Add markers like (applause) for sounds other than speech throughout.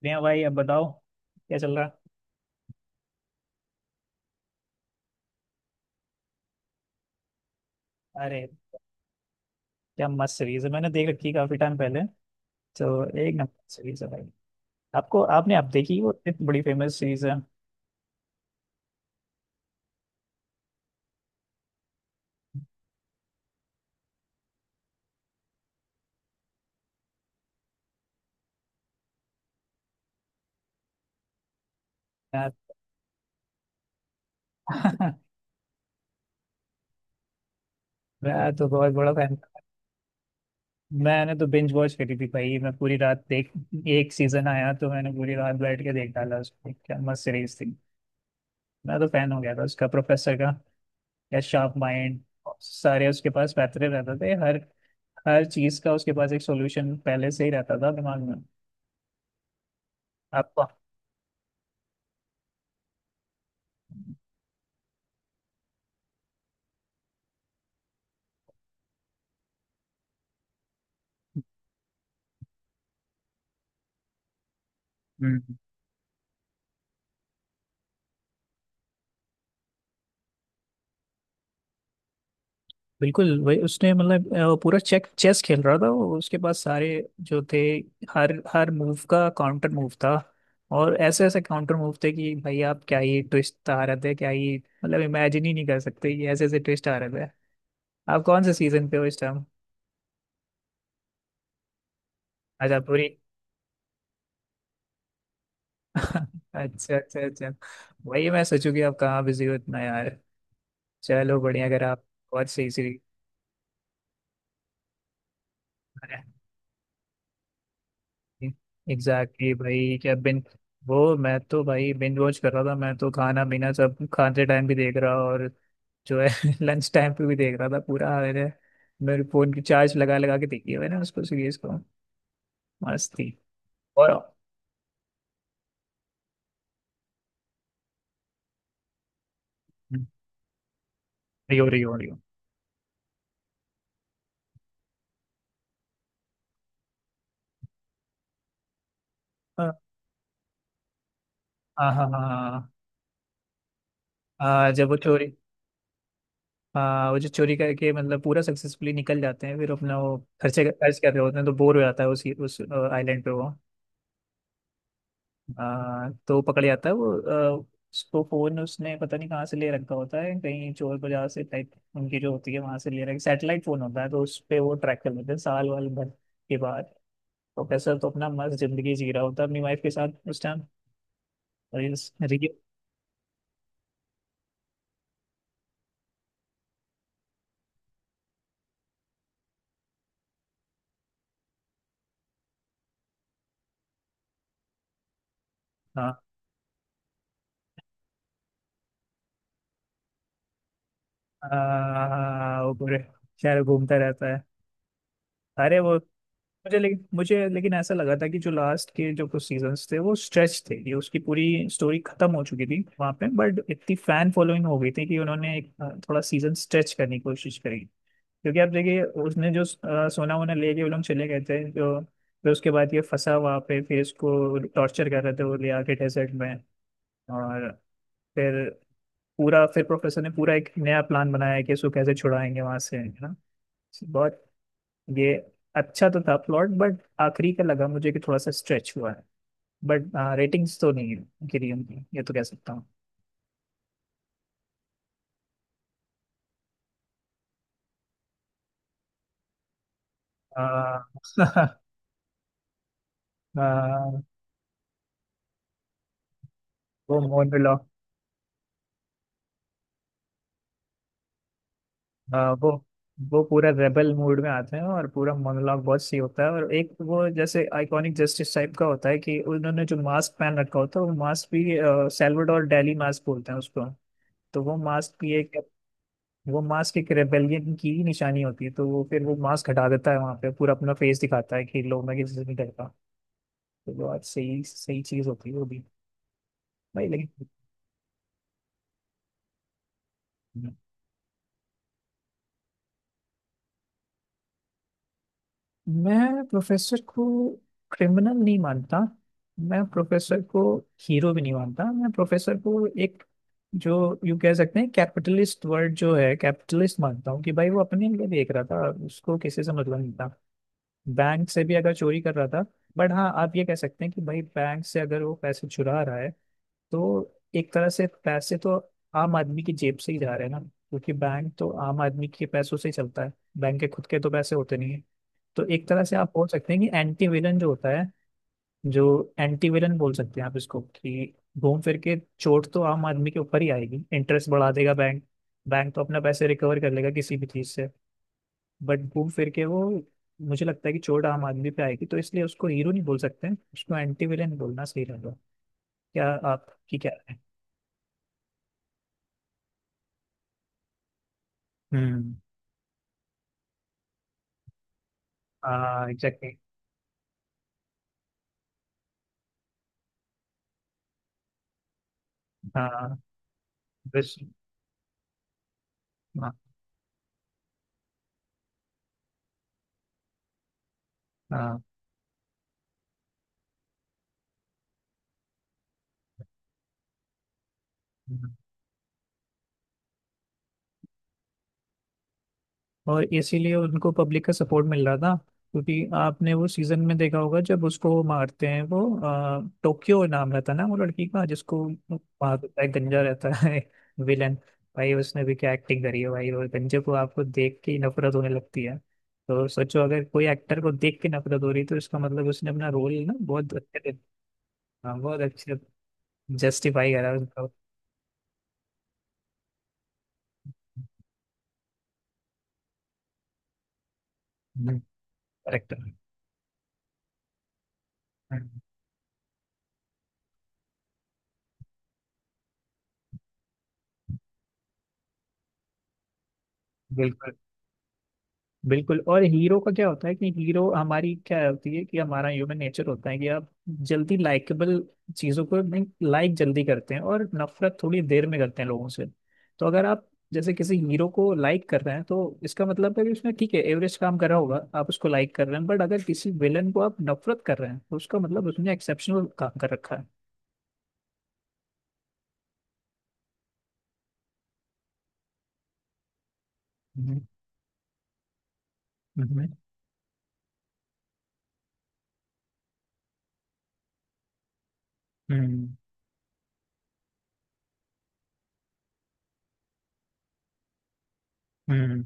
प्रिया भाई अब बताओ क्या चल रहा है? अरे क्या मस्त सीरीज है। मैंने देख रखी है काफी टाइम पहले। तो एक नंबर सीरीज है भाई। आपको आपने आप देखी वो इतनी बड़ी फेमस सीरीज है यार। (laughs) मैं तो बहुत बड़ा फैन। मैंने तो बिंज वॉच करी थी भाई, मैं पूरी रात देख। एक सीजन आया तो मैंने पूरी रात बैठ के देख डाला उसको। क्या मस्त सीरीज थी। मैं तो फैन हो गया था उसका, प्रोफेसर का। क्या शार्प माइंड। सारे उसके पास पैतरे रहते थे। हर हर चीज का उसके पास एक सॉल्यूशन पहले से ही रहता था दिमाग में। आपको। हम्म। बिल्कुल वही उसने मतलब पूरा चेक चेस खेल रहा था वो। उसके पास सारे जो थे। हर हर मूव का काउंटर मूव था। और ऐसे ऐसे काउंटर मूव थे कि भाई आप क्या ही ट्विस्ट आ रहे थे क्या ही। मतलब इमेजिन ही नहीं कर सकते, ये ऐसे ऐसे ट्विस्ट आ रहे थे। आप कौन से सीजन पे हो इस टाइम? अच्छा, पूरी। (laughs) अच्छा, अच्छा, अच्छा। वही मैं सोचू कि आप कहाँ बिजी हो इतना यार। चलो बढ़िया, अगर आप। बहुत सही सीरीज। एग्जैक्टली भाई, क्या बिन। वो मैं तो भाई बिंज वॉच कर रहा था, मैं तो खाना पीना सब खाते टाइम भी देख रहा, और। जो है। (laughs) लंच टाइम पे भी देख रहा था पूरा मैंने। मेरे फोन की चार्ज लगा लगा के देखी है मैंने उसको सीरीज को। मस्त थी। और। Rio, Rio, Rio. हाँ, हाँ, हाँ, हाँ, हाँ, जब वो चोरी। हाँ वो जो चोरी करके मतलब पूरा सक्सेसफुली निकल जाते हैं, फिर अपना वो खर्चे खर्च कर रहे होते हैं तो बोर हो जाता है उसी उस आइलैंड पे वो। तो पकड़ जाता है वो। आ, उसको फोन उसने पता नहीं कहाँ से ले रखा होता है, कहीं चोर बाजार से टाइप उनकी जो होती है वहां से ले रखा सैटेलाइट फोन होता है, तो उस पे वो ट्रैक कर लेते हैं साल वाल भर के बाद। प्रोफेसर तो अपना मस्त जिंदगी जी रहा होता है अपनी वाइफ के साथ उस टाइम। रील। रील। हाँ। वो पूरे शहर घूमता रहता है। अरे वो। मुझे लेकिन ऐसा लगा था कि जो लास्ट के जो कुछ सीजन्स थे वो स्ट्रेच थे, ये उसकी पूरी स्टोरी खत्म हो चुकी थी वहां पे, बट इतनी फैन फॉलोइंग हो गई थी कि उन्होंने एक थोड़ा सीजन स्ट्रेच करने की कोशिश करी। क्योंकि आप देखिए उसने जो सोना वोना ले के वो लोग चले गए थे जो। फिर उसके बाद ये फंसा वहां पे, फिर इसको टॉर्चर कर रहे थे वो ले आके डेजर्ट में। और। फिर पूरा फिर प्रोफेसर ने पूरा एक नया प्लान बनाया कि इसको कैसे छुड़ाएंगे वहां से, है ना। बहुत। ये। अच्छा तो था प्लॉट, बट आखिरी का लगा मुझे कि थोड़ा सा स्ट्रेच हुआ है। बट। रेटिंग्स तो नहीं है गिरी उनकी, ये तो कह सकता हूँ। आ, (laughs) आ, वो मोनोलॉग। आ, वो वो पूरा रेबल मूड में आते हैं और पूरा मोनोलॉग बहुत सही होता है, और एक वो जैसे आइकॉनिक जस्टिस टाइप का होता है कि उन्होंने जो मास्क पहन रखा होता है वो मास्क भी सैल्वाडोर डेली मास्क बोलते हैं उसको। तो वो मास्क भी एक। वो मास्क एक रेबेलियन की ही निशानी होती है, तो वो फिर वो मास्क हटा देता है वहां पे, पूरा अपना फेस दिखाता है कि लो मैं किसी से नहीं डरता। तो वो आज सही सही चीज होती है वो भी। भाई लेकिन। मैं प्रोफेसर को क्रिमिनल नहीं मानता। मैं प्रोफेसर को हीरो भी नहीं मानता, मैं प्रोफेसर को एक जो यू कह सकते हैं कैपिटलिस्ट वर्ड जो है कैपिटलिस्ट मानता हूँ कि भाई वो अपने लिए देख रहा था, उसको किसी से मतलब नहीं था। बैंक से भी अगर चोरी कर रहा था। बट हाँ आप ये कह सकते हैं कि भाई बैंक से अगर वो पैसे चुरा रहा है तो एक तरह से पैसे तो आम आदमी की जेब से ही जा रहे हैं ना, क्योंकि बैंक तो आम आदमी के पैसों से ही चलता है। बैंक के खुद के तो पैसे होते नहीं है। तो एक तरह से आप बोल सकते हैं कि एंटी विलन जो होता है, जो एंटी विलन बोल सकते हैं आप इसको, कि घूम फिर के चोट तो आम आदमी के ऊपर ही आएगी, इंटरेस्ट बढ़ा देगा बैंक। बैंक तो अपना पैसे रिकवर कर लेगा किसी भी चीज से। बट घूम फिर के वो, मुझे लगता है कि चोट आम आदमी पे आएगी, तो इसलिए उसको हीरो नहीं बोल सकते हैं, उसको एंटी विलेन बोलना सही रहेगा। क्या आपकी क्या राय है? हम्म। हाँ एग्जैक्टली। हाँ। बस। हाँ, हाँ। और इसीलिए उनको पब्लिक का सपोर्ट मिल रहा था। क्योंकि आपने वो सीजन में देखा होगा जब उसको मारते हैं वो टोक्यो नाम रहता है ना वो लड़की का, जिसको मार देता है गंजा रहता है। (laughs) विलन। भाई उसने भी क्या एक्टिंग करी है भाई, और गंजे को आपको देख के ही नफरत होने लगती है। तो सोचो अगर कोई एक्टर को देख के नफरत हो रही है, तो इसका मतलब उसने अपना रोल ना बहुत अच्छे से- हाँ, बहुत अच्छे। जस्टिफाई करा उसका करेक्टर। बिल्कुल, बिल्कुल। और हीरो का क्या होता है कि हीरो, हमारी क्या होती है कि हमारा ह्यूमन नेचर होता है कि आप जल्दी लाइकेबल चीजों को लाइक जल्दी करते हैं, और नफरत थोड़ी देर में करते हैं लोगों से। तो अगर आप जैसे किसी हीरो को लाइक कर रहे हैं तो इसका मतलब है कि उसने, ठीक है, एवरेज काम करा होगा, आप उसको लाइक कर रहे हैं, बट अगर किसी विलन को आप नफरत कर रहे हैं तो उसका मतलब उसने एक्सेप्शनल काम कर रखा है। हम्म, हम्म, हम्म, हम्म।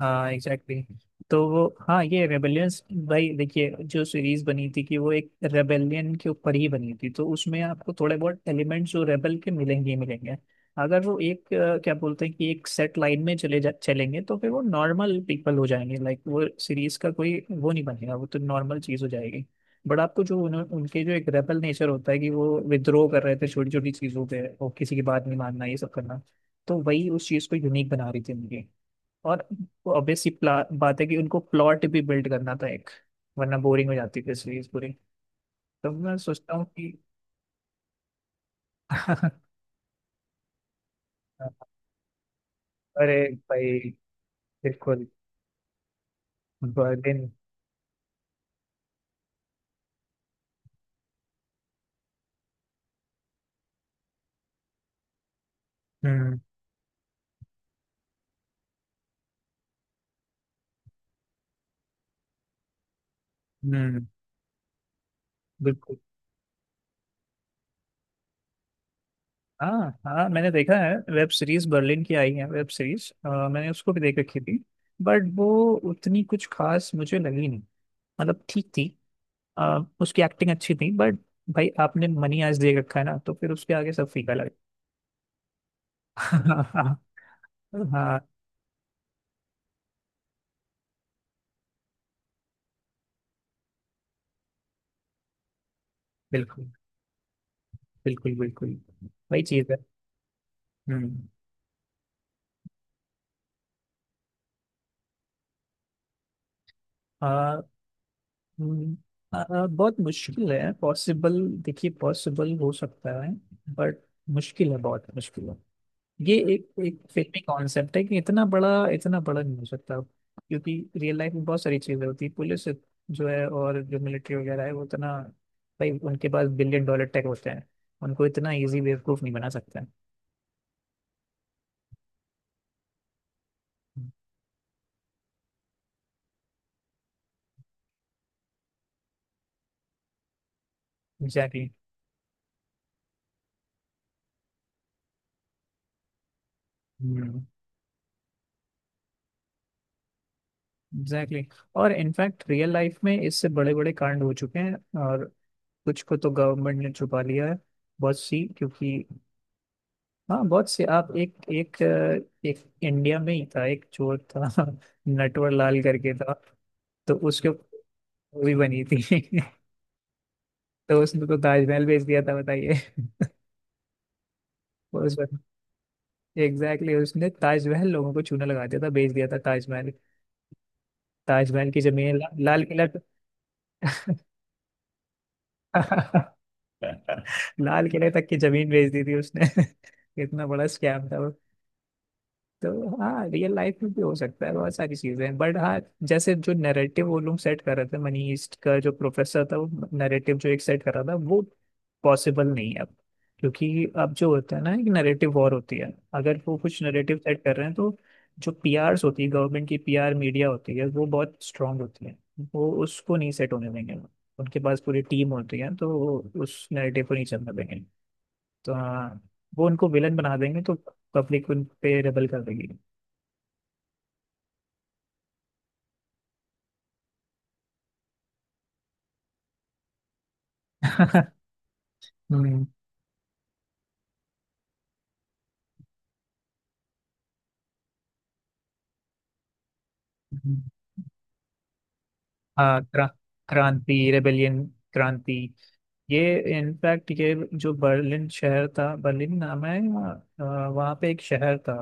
हाँ एग्जैक्टली exactly। तो वो हाँ, ये रेबेलियंस। भाई देखिए जो सीरीज बनी थी कि वो एक रेबेलियन के ऊपर ही बनी थी, तो उसमें आपको थोड़े बहुत एलिमेंट्स जो रेबल के मिलेंगे ही मिलेंगे। अगर वो एक क्या बोलते हैं कि एक सेट लाइन में चले जा चलेंगे तो फिर वो नॉर्मल पीपल हो जाएंगे, लाइक वो सीरीज का कोई वो नहीं बनेगा, वो तो नॉर्मल चीज हो जाएगी। बट आपको जो उनके जो एक रेबल नेचर होता है कि वो विद्रोह कर रहे थे छोटी छोटी चीजों पे और किसी की बात नहीं मानना ये सब करना, तो वही उस चीज को यूनिक बना रही थी उनकी। और। ऑब्वियस सी बात है कि उनको प्लॉट भी बिल्ड करना था एक, वरना बोरिंग हो जाती फिर सीरीज पूरी। तो मैं सोचता हूँ कि (laughs) अरे भाई। बिल्कुल। बर्लिन। हम्म, हम्म। बिल्कुल। हाँ, हाँ, मैंने देखा है वेब सीरीज, बर्लिन की आई है वेब सीरीज, मैंने उसको भी देख रखी थी। बट वो उतनी कुछ खास मुझे लगी नहीं। मतलब ठीक थी। उसकी एक्टिंग अच्छी थी बट। भाई आपने मनी आज दे रखा है ना, तो फिर उसके आगे सब फीका लगे। (laughs) हाँ। बिल्कुल, बिल्कुल, बिल्कुल। वही चीज है। हम्म। आ, हम्म, आ, बहुत मुश्किल है पॉसिबल, देखिए पॉसिबल हो सकता है। बट मुश्किल है, बहुत मुश्किल है। ये एक एक फिल्मी कॉन्सेप्ट है कि इतना बड़ा, इतना बड़ा नहीं हो सकता, क्योंकि रियल लाइफ में बहुत सारी चीजें होती है, पुलिस जो है और जो मिलिट्री वगैरह है, वो इतना। भाई उनके पास बिलियन डॉलर टेक होते हैं। उनको इतना इजी बेवकूफ नहीं बना सकते। Exactly, exactly exactly। और इनफैक्ट रियल लाइफ में इससे बड़े बड़े कांड हो चुके हैं। और कुछ को तो गवर्नमेंट ने छुपा लिया है। बहुत सी, क्योंकि। हाँ बहुत सी, आप, एक एक एक इंडिया में ही था एक चोर था। (laughs) नटवर लाल करके था। तो उसके ऊपर मूवी बनी थी। (laughs) तो उसने तो ताजमहल बेच दिया था बताइए। (laughs) उस। एग्जैक्टली exactly, उसने ताजमहल लोगों को चूना लगा दिया था, बेच दिया था ताजमहल। ताजमहल की जमीन लाल किला। (laughs) (laughs) लाल किले तक की जमीन बेच दी थी उसने। (laughs) इतना बड़ा स्कैम था वो। तो हाँ रियल लाइफ में भी हो सकता है, बहुत सारी चीजें हैं, बट हाँ। जैसे जो नैरेटिव वो लोग सेट कर रहे थे मनी ईस्ट का, जो प्रोफेसर था वो नैरेटिव जो एक सेट कर रहा था वो पॉसिबल नहीं है अब। क्योंकि अब जो होता है ना, एक नैरेटिव वॉर होती है, अगर वो कुछ नैरेटिव सेट कर रहे हैं तो जो पीआरस होती है गवर्नमेंट की, पीआर मीडिया होती है, वो बहुत स्ट्रांग होती है। वो उसको नहीं सेट होने देंगे। उनके पास पूरी टीम होती है, तो वो उस नैरेटिव को नहीं चलने देंगे। तो हाँ, वो उनको विलन बना देंगे, तो पब्लिक उन पे रेबल कर देगी। (laughs) हम्म, हम्म। हाँ क्रांति, रेबेलियन, क्रांति। ये इनफैक्ट ये जो बर्लिन शहर था, बर्लिन नाम है या, वहाँ पे एक शहर था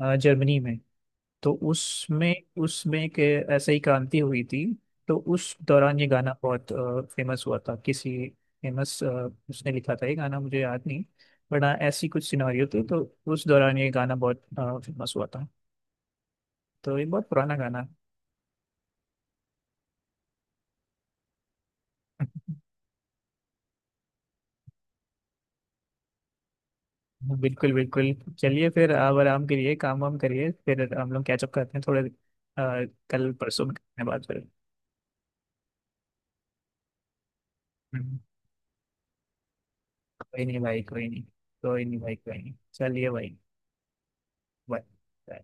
जर्मनी में। तो उसमें उसमें के ऐसे ही क्रांति हुई थी। तो उस दौरान ये गाना बहुत फेमस हुआ था किसी, फेमस, उसने लिखा था ये गाना मुझे याद नहीं। बट हाँ ऐसी कुछ सिनेरियो थी, तो उस दौरान ये गाना बहुत फेमस हुआ था। तो ये बहुत पुराना गाना। (laughs) है। बिल्कुल, बिल्कुल। चलिए फिर आप आराम करिए, काम वाम करिए, फिर हम लोग कैचअप करते हैं थोड़े कल परसों में करते हैं बात फिर। हम्म, कोई नहीं भाई, कोई नहीं। कोई नहीं भाई, कोई नहीं, चलिए भाई। बाय।